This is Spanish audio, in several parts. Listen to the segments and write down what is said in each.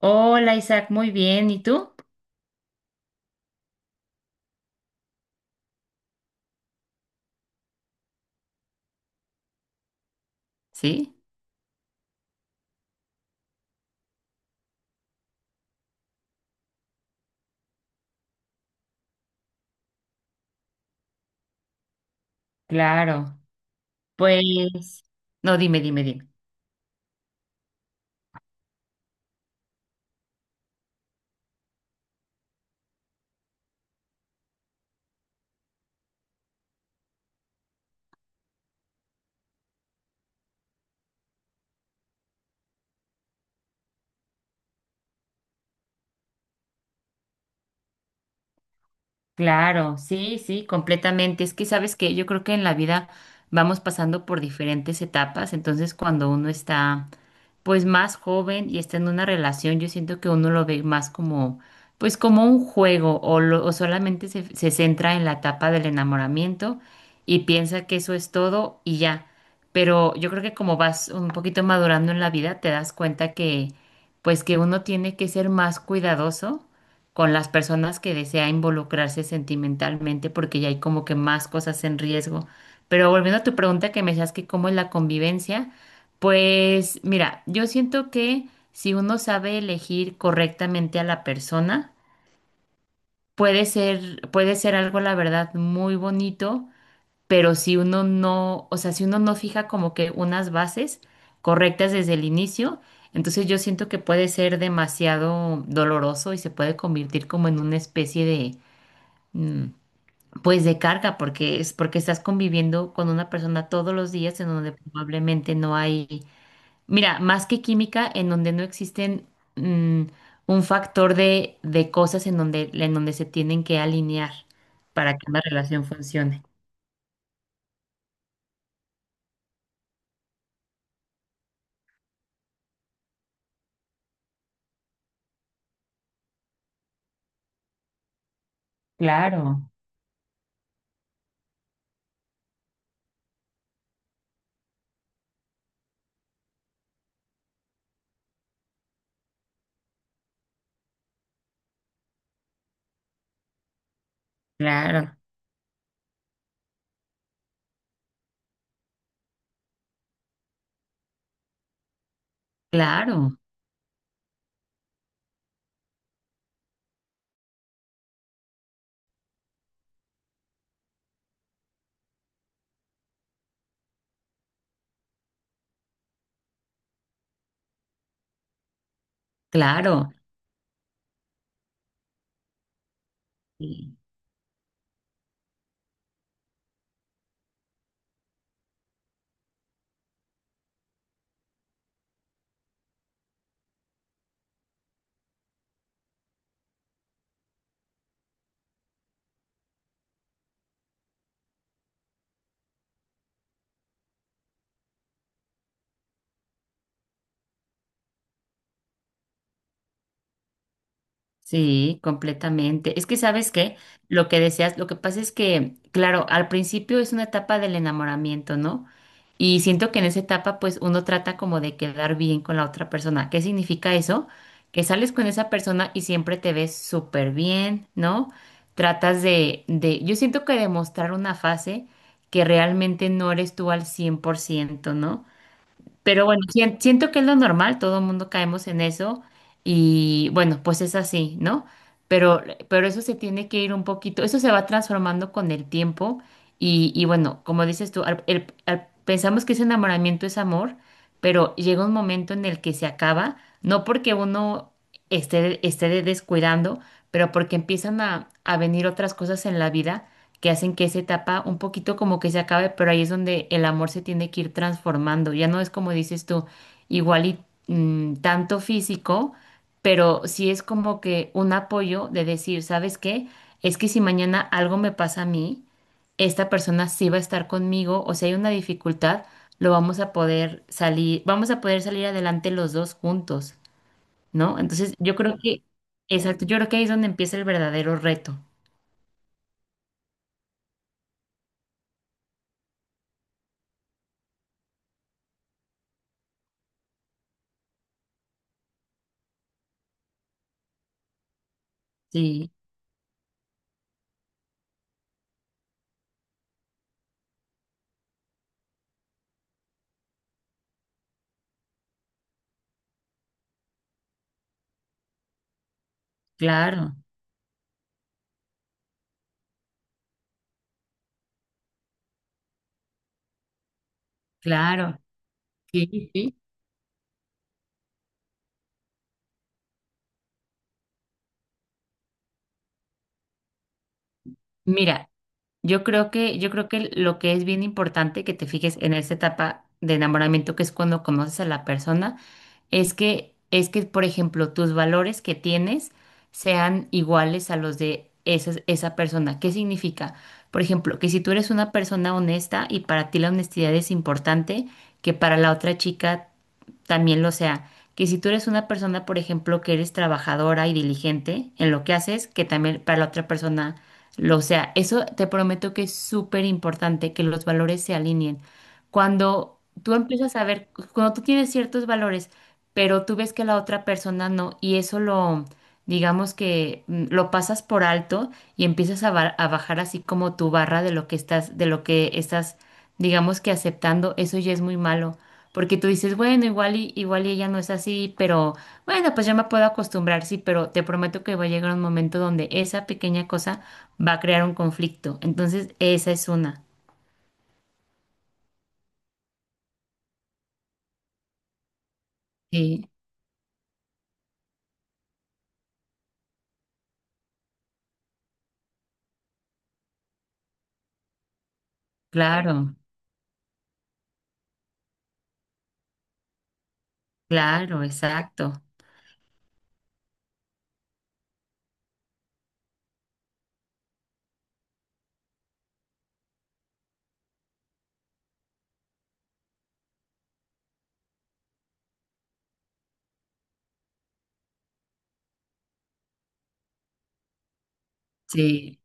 Hola Isaac, muy bien. ¿Y tú? Sí, claro. Pues, no, dime, dime, dime. Claro, sí, sí, completamente. Es que sabes que yo creo que en la vida vamos pasando por diferentes etapas, entonces cuando uno está pues más joven y está en una relación, yo siento que uno lo ve más como pues como un juego o, o solamente se centra en la etapa del enamoramiento y piensa que eso es todo y ya. Pero yo creo que como vas un poquito madurando en la vida, te das cuenta que pues que uno tiene que ser más cuidadoso con las personas que desea involucrarse sentimentalmente porque ya hay como que más cosas en riesgo. Pero volviendo a tu pregunta que me decías que cómo es la convivencia, pues mira, yo siento que si uno sabe elegir correctamente a la persona, puede ser algo, la verdad, muy bonito, pero si uno no, o sea, si uno no fija como que unas bases correctas desde el inicio, entonces yo siento que puede ser demasiado doloroso y se puede convertir como en una especie de, mm, pues de carga, porque es porque estás conviviendo con una persona todos los días en donde probablemente no hay, mira, más que química, en donde no existen, mm, un factor de, cosas en donde se tienen que alinear para que una relación funcione. Claro. Claro. Claro, claro, sí, sí, completamente. Es que sabes qué, lo que deseas, lo que pasa es que, claro, al principio es una etapa del enamoramiento, ¿no? Y siento que en esa etapa, pues uno trata como de quedar bien con la otra persona. ¿Qué significa eso? Que sales con esa persona y siempre te ves súper bien, ¿no? Tratas de, yo siento que demostrar una fase que realmente no eres tú al 100%, ¿no? Pero bueno, siento que es lo normal, todo el mundo caemos en eso y bueno, pues es así, ¿no? Pero, pero eso se tiene que ir un poquito, eso se va transformando con el tiempo y bueno, como dices tú, pensamos que ese enamoramiento es amor, pero llega un momento en el que se acaba, no porque uno esté descuidando, pero porque empiezan a venir otras cosas en la vida que hacen que esa etapa un poquito como que se acabe, pero ahí es donde el amor se tiene que ir transformando. Ya no es como dices tú, igual y, tanto físico, pero sí es como que un apoyo de decir, ¿sabes qué? Es que si mañana algo me pasa a mí, esta persona sí va a estar conmigo, o si hay una dificultad, lo vamos a poder salir, vamos a poder salir adelante los dos juntos, ¿no? Entonces, yo creo que, exacto, yo creo que ahí es donde empieza el verdadero reto. Sí, claro. Claro, sí, sí. Mira, yo creo que lo que es bien importante que te fijes en esta etapa de enamoramiento, que es cuando conoces a la persona, es que, por ejemplo, tus valores que tienes sean iguales a los de esa persona. ¿Qué significa? Por ejemplo, que si tú eres una persona honesta y para ti la honestidad es importante, que para la otra chica también lo sea. Que si tú eres una persona, por ejemplo, que eres trabajadora y diligente en lo que haces, que también para la otra persona lo, o sea, eso te prometo que es súper importante que los valores se alineen. Cuando tú empiezas a ver, cuando tú tienes ciertos valores, pero tú ves que la otra persona no, y eso lo, digamos que, lo pasas por alto y empiezas a, a bajar así como tu barra de lo que estás, digamos que aceptando, eso ya es muy malo. Porque tú dices, bueno, igual y ella no es así, pero bueno, pues ya me puedo acostumbrar, sí, pero te prometo que va a llegar un momento donde esa pequeña cosa va a crear un conflicto. Entonces, esa es una. Sí, claro, claro, exacto. Sí.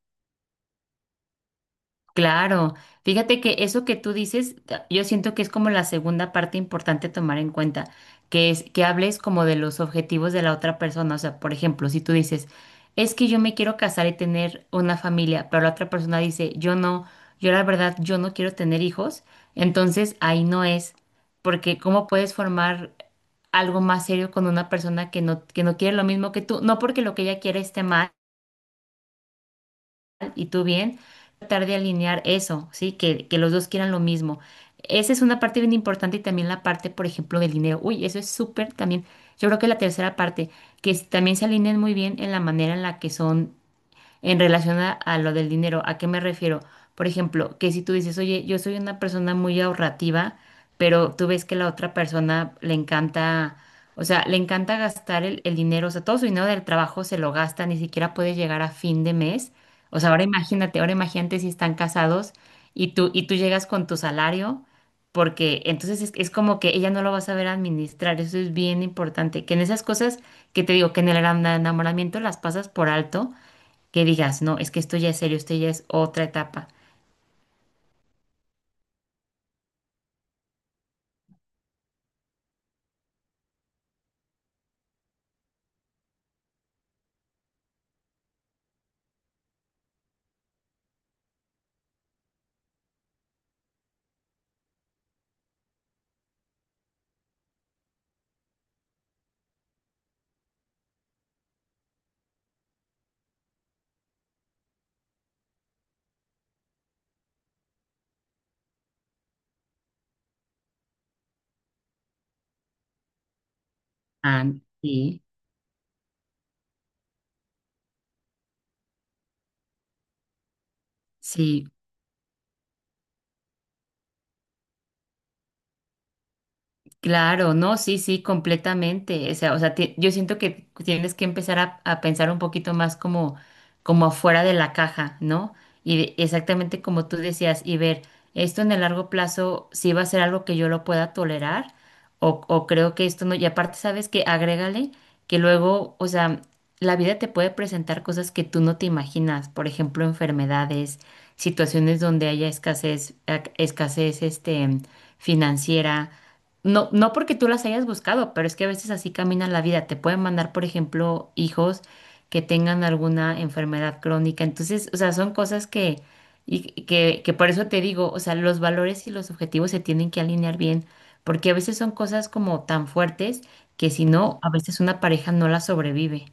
Claro, fíjate que eso que tú dices, yo siento que es como la segunda parte importante tomar en cuenta, que es que hables como de los objetivos de la otra persona. O sea, por ejemplo, si tú dices, es que yo me quiero casar y tener una familia, pero la otra persona dice, yo no, yo la verdad, yo no quiero tener hijos, entonces ahí no es, porque ¿cómo puedes formar algo más serio con una persona que no quiere lo mismo que tú? No porque lo que ella quiere esté mal y tú bien, tratar de alinear eso, ¿sí? Que los dos quieran lo mismo. Esa es una parte bien importante y también la parte, por ejemplo, del dinero. Uy, eso es súper también. Yo creo que la tercera parte, que también se alineen muy bien en la manera en la que son en relación a lo del dinero. ¿A qué me refiero? Por ejemplo, que si tú dices, oye, yo soy una persona muy ahorrativa, pero tú ves que la otra persona le encanta, o sea, le encanta gastar el dinero, o sea, todo su dinero del trabajo se lo gasta, ni siquiera puede llegar a fin de mes. O sea, ahora imagínate si están casados y tú llegas con tu salario, porque entonces es como que ella no lo va a saber administrar, eso es bien importante, que en esas cosas que te digo, que en el enamoramiento las pasas por alto, que digas, no, es que esto ya es serio, esto ya es otra etapa. Ah, sí, sí, claro, no, sí, sí, completamente. O sea, yo siento que tienes que empezar a pensar un poquito más como afuera de la caja, ¿no? Y exactamente como tú decías, y ver, esto en el largo plazo sí va a ser algo que yo lo pueda tolerar, o creo que esto no, y aparte, sabes que agrégale que luego, o sea, la vida te puede presentar cosas que tú no te imaginas, por ejemplo, enfermedades, situaciones donde haya escasez, escasez, financiera. No, no porque tú las hayas buscado, pero es que a veces así camina la vida. Te pueden mandar, por ejemplo, hijos que tengan alguna enfermedad crónica. Entonces, o sea, son cosas que, y que por eso te digo, o sea, los valores y los objetivos se tienen que alinear bien, porque a veces son cosas como tan fuertes que si no, a veces una pareja no la sobrevive.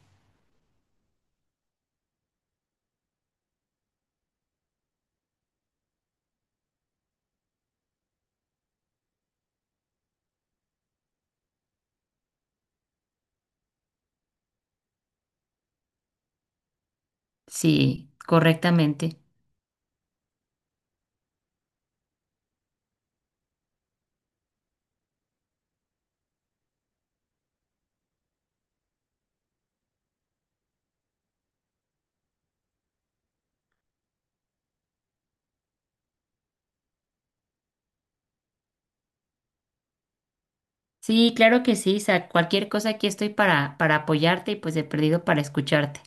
Sí, correctamente. Sí, claro que sí, Isaac. Cualquier cosa aquí estoy para apoyarte y pues de perdido para escucharte.